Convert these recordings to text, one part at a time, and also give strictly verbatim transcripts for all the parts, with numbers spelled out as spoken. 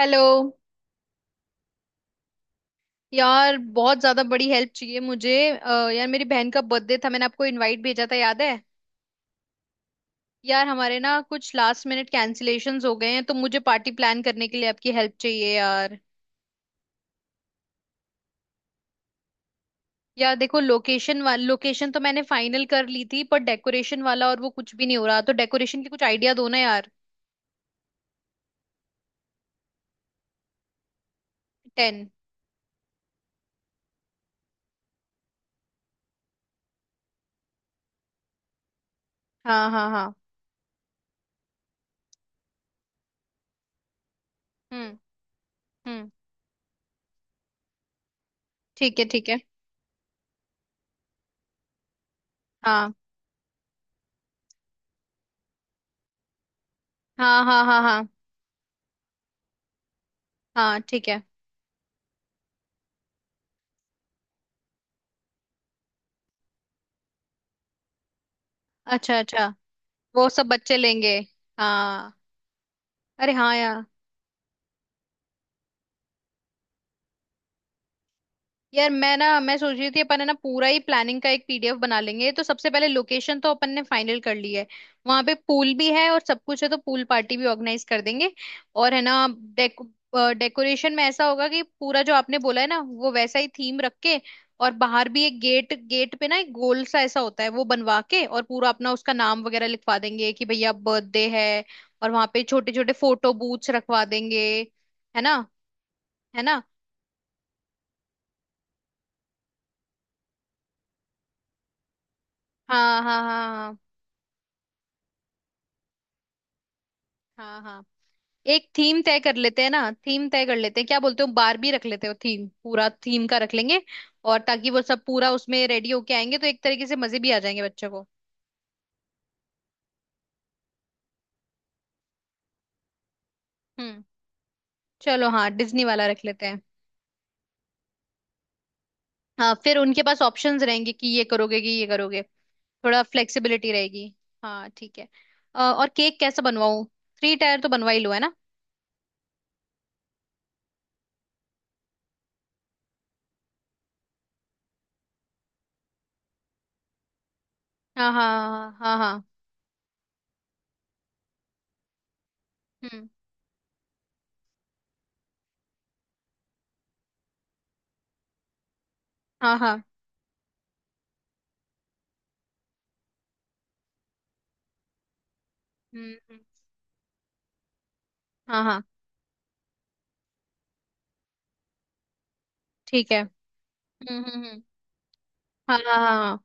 Hello यार बहुत ज्यादा बड़ी हेल्प चाहिए मुझे अ, यार मेरी बहन का बर्थडे था, मैंने आपको इनवाइट भेजा था याद है। यार हमारे ना कुछ लास्ट मिनट कैंसिलेशंस हो गए हैं, तो मुझे पार्टी प्लान करने के लिए आपकी हेल्प चाहिए यार। यार देखो, लोकेशन वाल लोकेशन तो मैंने फाइनल कर ली थी, पर डेकोरेशन वाला और वो कुछ भी नहीं हो रहा, तो डेकोरेशन की कुछ आइडिया दो ना यार। टेन। हाँ हाँ हाँ। हम्म। हम्म। ठीक है ठीक है। हाँ हाँ हाँ हाँ। हाँ हाँ। ठीक है। अच्छा अच्छा। वो सब बच्चे लेंगे। हाँ। अरे हाँ यार। यार मैं ना मैं सोच रही थी, अपन है ना पूरा ही प्लानिंग का एक पी डी एफ बना लेंगे। तो सबसे पहले, लोकेशन तो अपन ने फाइनल कर ली है। वहां पे पूल भी है और सब कुछ है, तो पूल पार्टी भी ऑर्गेनाइज कर देंगे। और है ना, डेक डेकोरेशन में ऐसा होगा कि पूरा जो आपने बोला है ना वो वैसा ही थीम रख के। और बाहर भी एक गेट गेट पे ना एक गोल सा ऐसा होता है वो बनवा के, और पूरा अपना उसका नाम वगैरह लिखवा देंगे कि भैया बर्थडे है। और वहां पे छोटे छोटे फोटो बूथ्स रखवा देंगे। है ना। है ना। हाँ हाँ हाँ हाँ हाँ हाँ। एक थीम तय कर लेते हैं ना, थीम तय कर लेते हैं। क्या बोलते हो, बारबी रख लेते हो? थीम, पूरा थीम का रख लेंगे। और ताकि वो सब पूरा उसमें रेडी होके आएंगे, तो एक तरीके से मजे भी आ जाएंगे बच्चों को। हम्म। चलो हाँ, डिज्नी वाला रख लेते हैं। हाँ फिर उनके पास ऑप्शंस रहेंगे कि ये करोगे कि ये करोगे। थोड़ा फ्लेक्सिबिलिटी रहेगी। हाँ ठीक है। अ, और केक कैसा बनवाऊं? थ्री टायर तो बनवा ही लो है ना। हाँ हाँ हाँ हाँ हाँ, हाँ। हम्म। हाँ हाँ। हम्म हम्म। हाँ हाँ। ठीक है। हम्म हम्म हम्म। हाँ हाँ हाँ हाँ।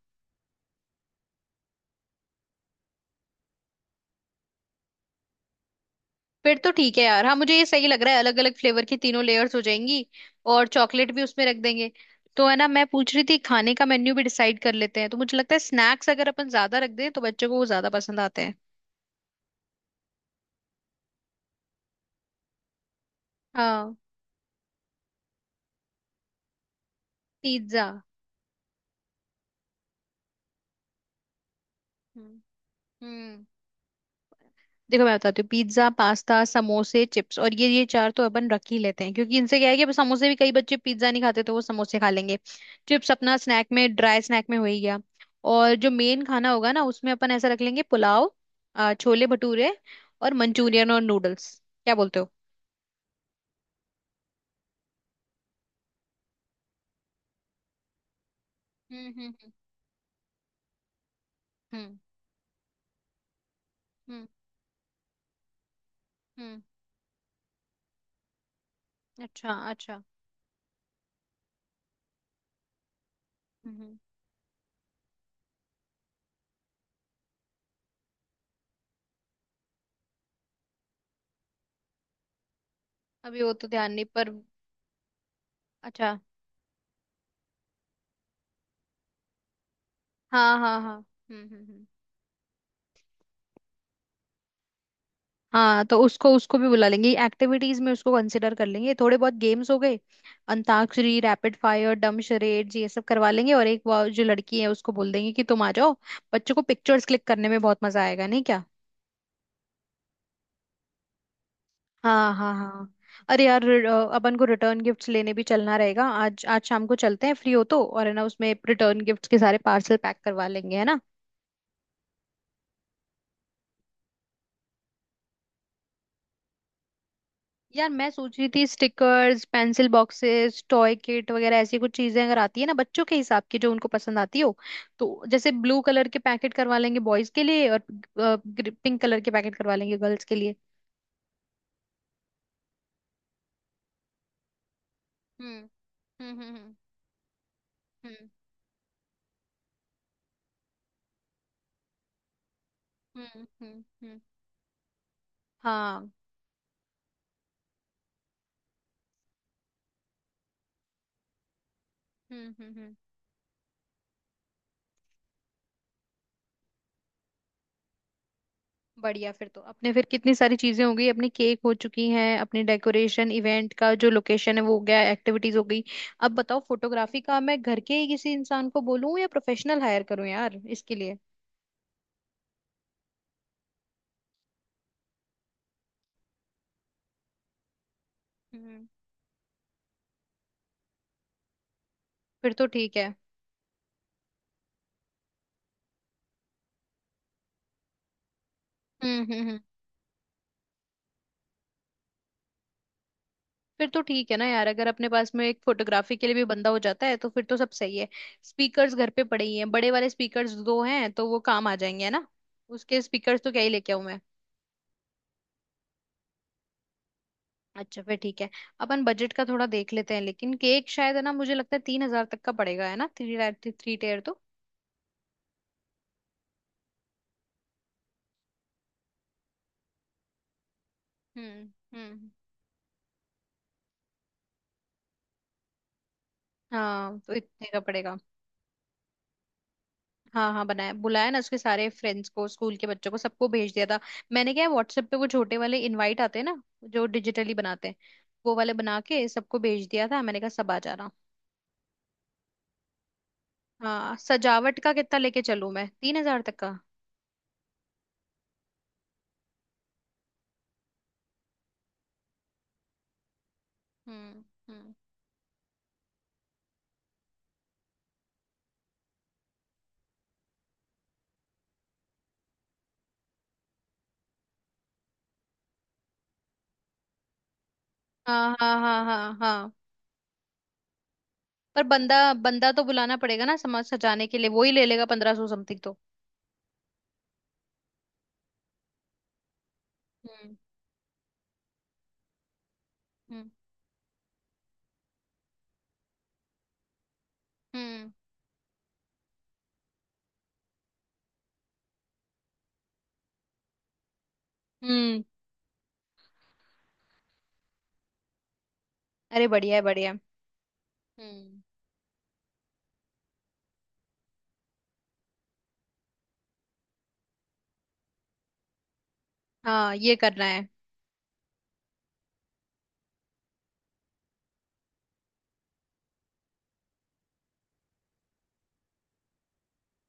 फिर तो ठीक है यार। हाँ मुझे ये सही लग रहा है, अलग अलग फ्लेवर की तीनों लेयर्स हो जाएंगी। और चॉकलेट भी उसमें रख देंगे। तो है ना, मैं पूछ रही थी, खाने का मेन्यू भी डिसाइड कर लेते हैं। तो मुझे लगता है स्नैक्स अगर अपन ज्यादा रख दें तो बच्चों को वो ज्यादा पसंद आते हैं। हाँ। पिज्जा। हम्म। हम्म। देखो मैं बताती हूँ, पिज्जा, पास्ता, समोसे, चिप्स, और ये ये चार तो अपन रख ही लेते हैं, क्योंकि इनसे क्या है कि अब समोसे भी, कई बच्चे पिज्जा नहीं खाते तो वो समोसे खा लेंगे। चिप्स अपना स्नैक में, ड्राई स्नैक में हो ही गया। और जो मेन खाना होगा ना, उसमें अपन ऐसा रख लेंगे, पुलाव, अ, छोले भटूरे, और मंचूरियन और नूडल्स। क्या बोलते हो? हम्म हम्म हम्म हम्म हम्म हम्म। अच्छा अच्छा। हम्म हम्म। अभी वो तो ध्यान नहीं पर। अच्छा। हाँ हाँ हाँ। हम्म हम्म हम्म। हाँ तो उसको उसको भी बुला लेंगे, एक्टिविटीज में उसको कंसिडर कर लेंगे। थोड़े बहुत गेम्स हो गए। Antakshari, rapid fire, dumb charades, ये सब करवा लेंगे। और एक वो जो लड़की है उसको बोल देंगे कि तुम आ जाओ। बच्चों को पिक्चर्स क्लिक करने में बहुत मजा आएगा, नहीं क्या? हाँ हाँ हाँ। अरे यार अ, अपन को रिटर्न गिफ्ट्स लेने भी चलना रहेगा। आज आज शाम को चलते हैं, फ्री हो तो। और है ना, उसमें रिटर्न गिफ्ट्स के सारे पार्सल पैक करवा लेंगे, है ना। यार मैं सोच रही थी, stickers, pencil boxes, toy kit वगैरह, ऐसी कुछ चीजें अगर आती है ना, बच्चों के हिसाब की जो उनको पसंद आती हो। तो जैसे ब्लू कलर के पैकेट करवा लेंगे बॉयज के लिए, और पिंक कलर के पैकेट करवा लेंगे गर्ल्स के लिए। हम्म हम्म हम्म हम्म हम्म हम्म हम्म हम्म। हाँ। हम्म हम्म। बढ़िया फिर तो अपने, फिर कितनी सारी चीजें हो गई अपनी। केक हो चुकी हैं, अपनी डेकोरेशन, इवेंट का जो लोकेशन है वो हो गया, एक्टिविटीज हो गई। अब बताओ, फोटोग्राफी का मैं घर के ही किसी इंसान को बोलूं या प्रोफेशनल हायर करूं यार इसके लिए? हम्म। फिर तो ठीक है। हम्म हम्म हम्म। फिर तो ठीक है ना यार, अगर अपने पास में एक फोटोग्राफी के लिए भी बंदा हो जाता है तो फिर तो सब सही है। स्पीकर्स घर पे पड़े ही हैं, बड़े वाले स्पीकर्स दो हैं, तो वो काम आ जाएंगे है ना। उसके स्पीकर्स तो क्या ही लेके आऊं मैं। अच्छा फिर ठीक है। अपन बजट का थोड़ा देख लेते हैं। लेकिन केक शायद है ना, मुझे लगता है तीन हजार तक का पड़ेगा, है ना, थ्री टायर, थ्री टेयर तो। हम्म हम्म। हाँ तो इतने का पड़ेगा। हाँ हाँ, बनाया बुलाया ना, उसके सारे फ्रेंड्स को, स्कूल के बच्चों को सबको भेज दिया था। मैंने क्या है, व्हाट्सएप पे वो छोटे वाले इनवाइट आते हैं ना, जो डिजिटली बनाते हैं, वो वाले बना के सबको भेज दिया था। मैंने कहा सब आ जाना। हाँ। सजावट का कितना लेके चलूं मैं, तीन हजार तक का? हम्म हम्म। हाँ हाँ हाँ हाँ हाँ। पर बंदा बंदा तो बुलाना पड़ेगा ना समाज सजाने के लिए, वो ही ले लेगा पंद्रह सौ समथिंग तो। हम्म हम्म हम्म हम्म। अरे बढ़िया है बढ़िया है। हम्म। हाँ ये करना है।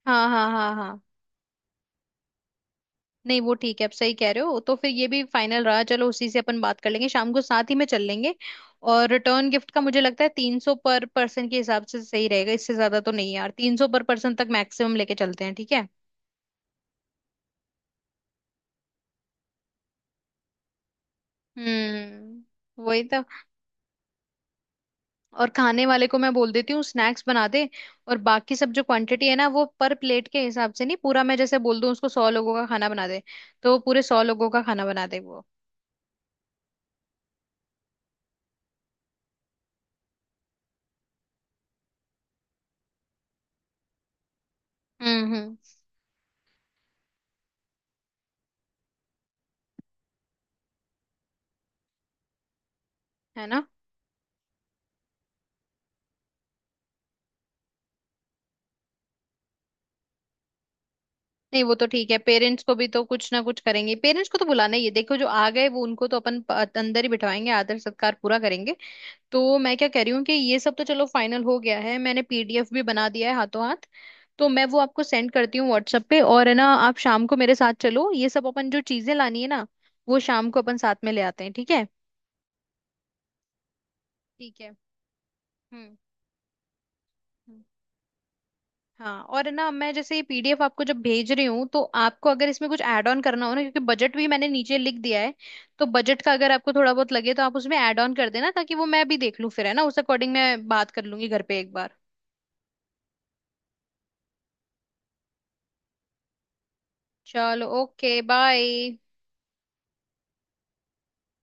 हाँ हाँ हाँ हाँ। नहीं वो ठीक है, आप सही कह रहे हो। तो फिर ये भी फाइनल रहा, चलो उसी से अपन बात कर लेंगे शाम को, साथ ही में चल लेंगे। और रिटर्न गिफ्ट का मुझे लगता है तीन सौ पर पर्सन के हिसाब से सही रहेगा। इससे ज्यादा तो नहीं यार, तीन सौ पर पर्सन तक मैक्सिमम लेके चलते हैं, ठीक है। हम्म। वही तो। और खाने वाले को मैं बोल देती हूँ स्नैक्स बना दे। और बाकी सब जो क्वांटिटी है ना, वो पर प्लेट के हिसाब से नहीं, पूरा मैं जैसे बोल दूँ उसको, सौ लोगों का खाना बना दे, तो वो पूरे सौ लोगों का खाना बना दे वो। हम्म हम्म। है ना। नहीं वो तो ठीक है, पेरेंट्स को भी तो कुछ ना कुछ करेंगे, पेरेंट्स को तो बुलाना ही है। देखो जो आ गए वो उनको तो अपन प- अंदर ही बिठाएंगे, आदर सत्कार पूरा करेंगे। तो मैं क्या कह रही हूँ कि ये सब तो चलो फाइनल हो गया है, मैंने पी डी एफ भी बना दिया है हाथों हाथ। तो मैं वो आपको सेंड करती हूँ व्हाट्सएप पे। और है ना, आप शाम को मेरे साथ चलो, ये सब अपन जो चीजें लानी है ना, वो शाम को अपन साथ में ले आते हैं, ठीक है। ठीक है। हम्म हम्म। हाँ और है ना, मैं जैसे ये पी डी एफ आपको जब भेज रही हूँ, तो आपको अगर इसमें कुछ ऐड ऑन करना हो ना, क्योंकि बजट भी मैंने नीचे लिख दिया है। तो बजट का अगर आपको थोड़ा बहुत लगे, तो आप उसमें ऐड ऑन कर देना, ताकि वो मैं भी देख लूँ फिर, है ना, उस अकॉर्डिंग मैं बात कर लूंगी घर पे एक बार। चलो ओके, बाय।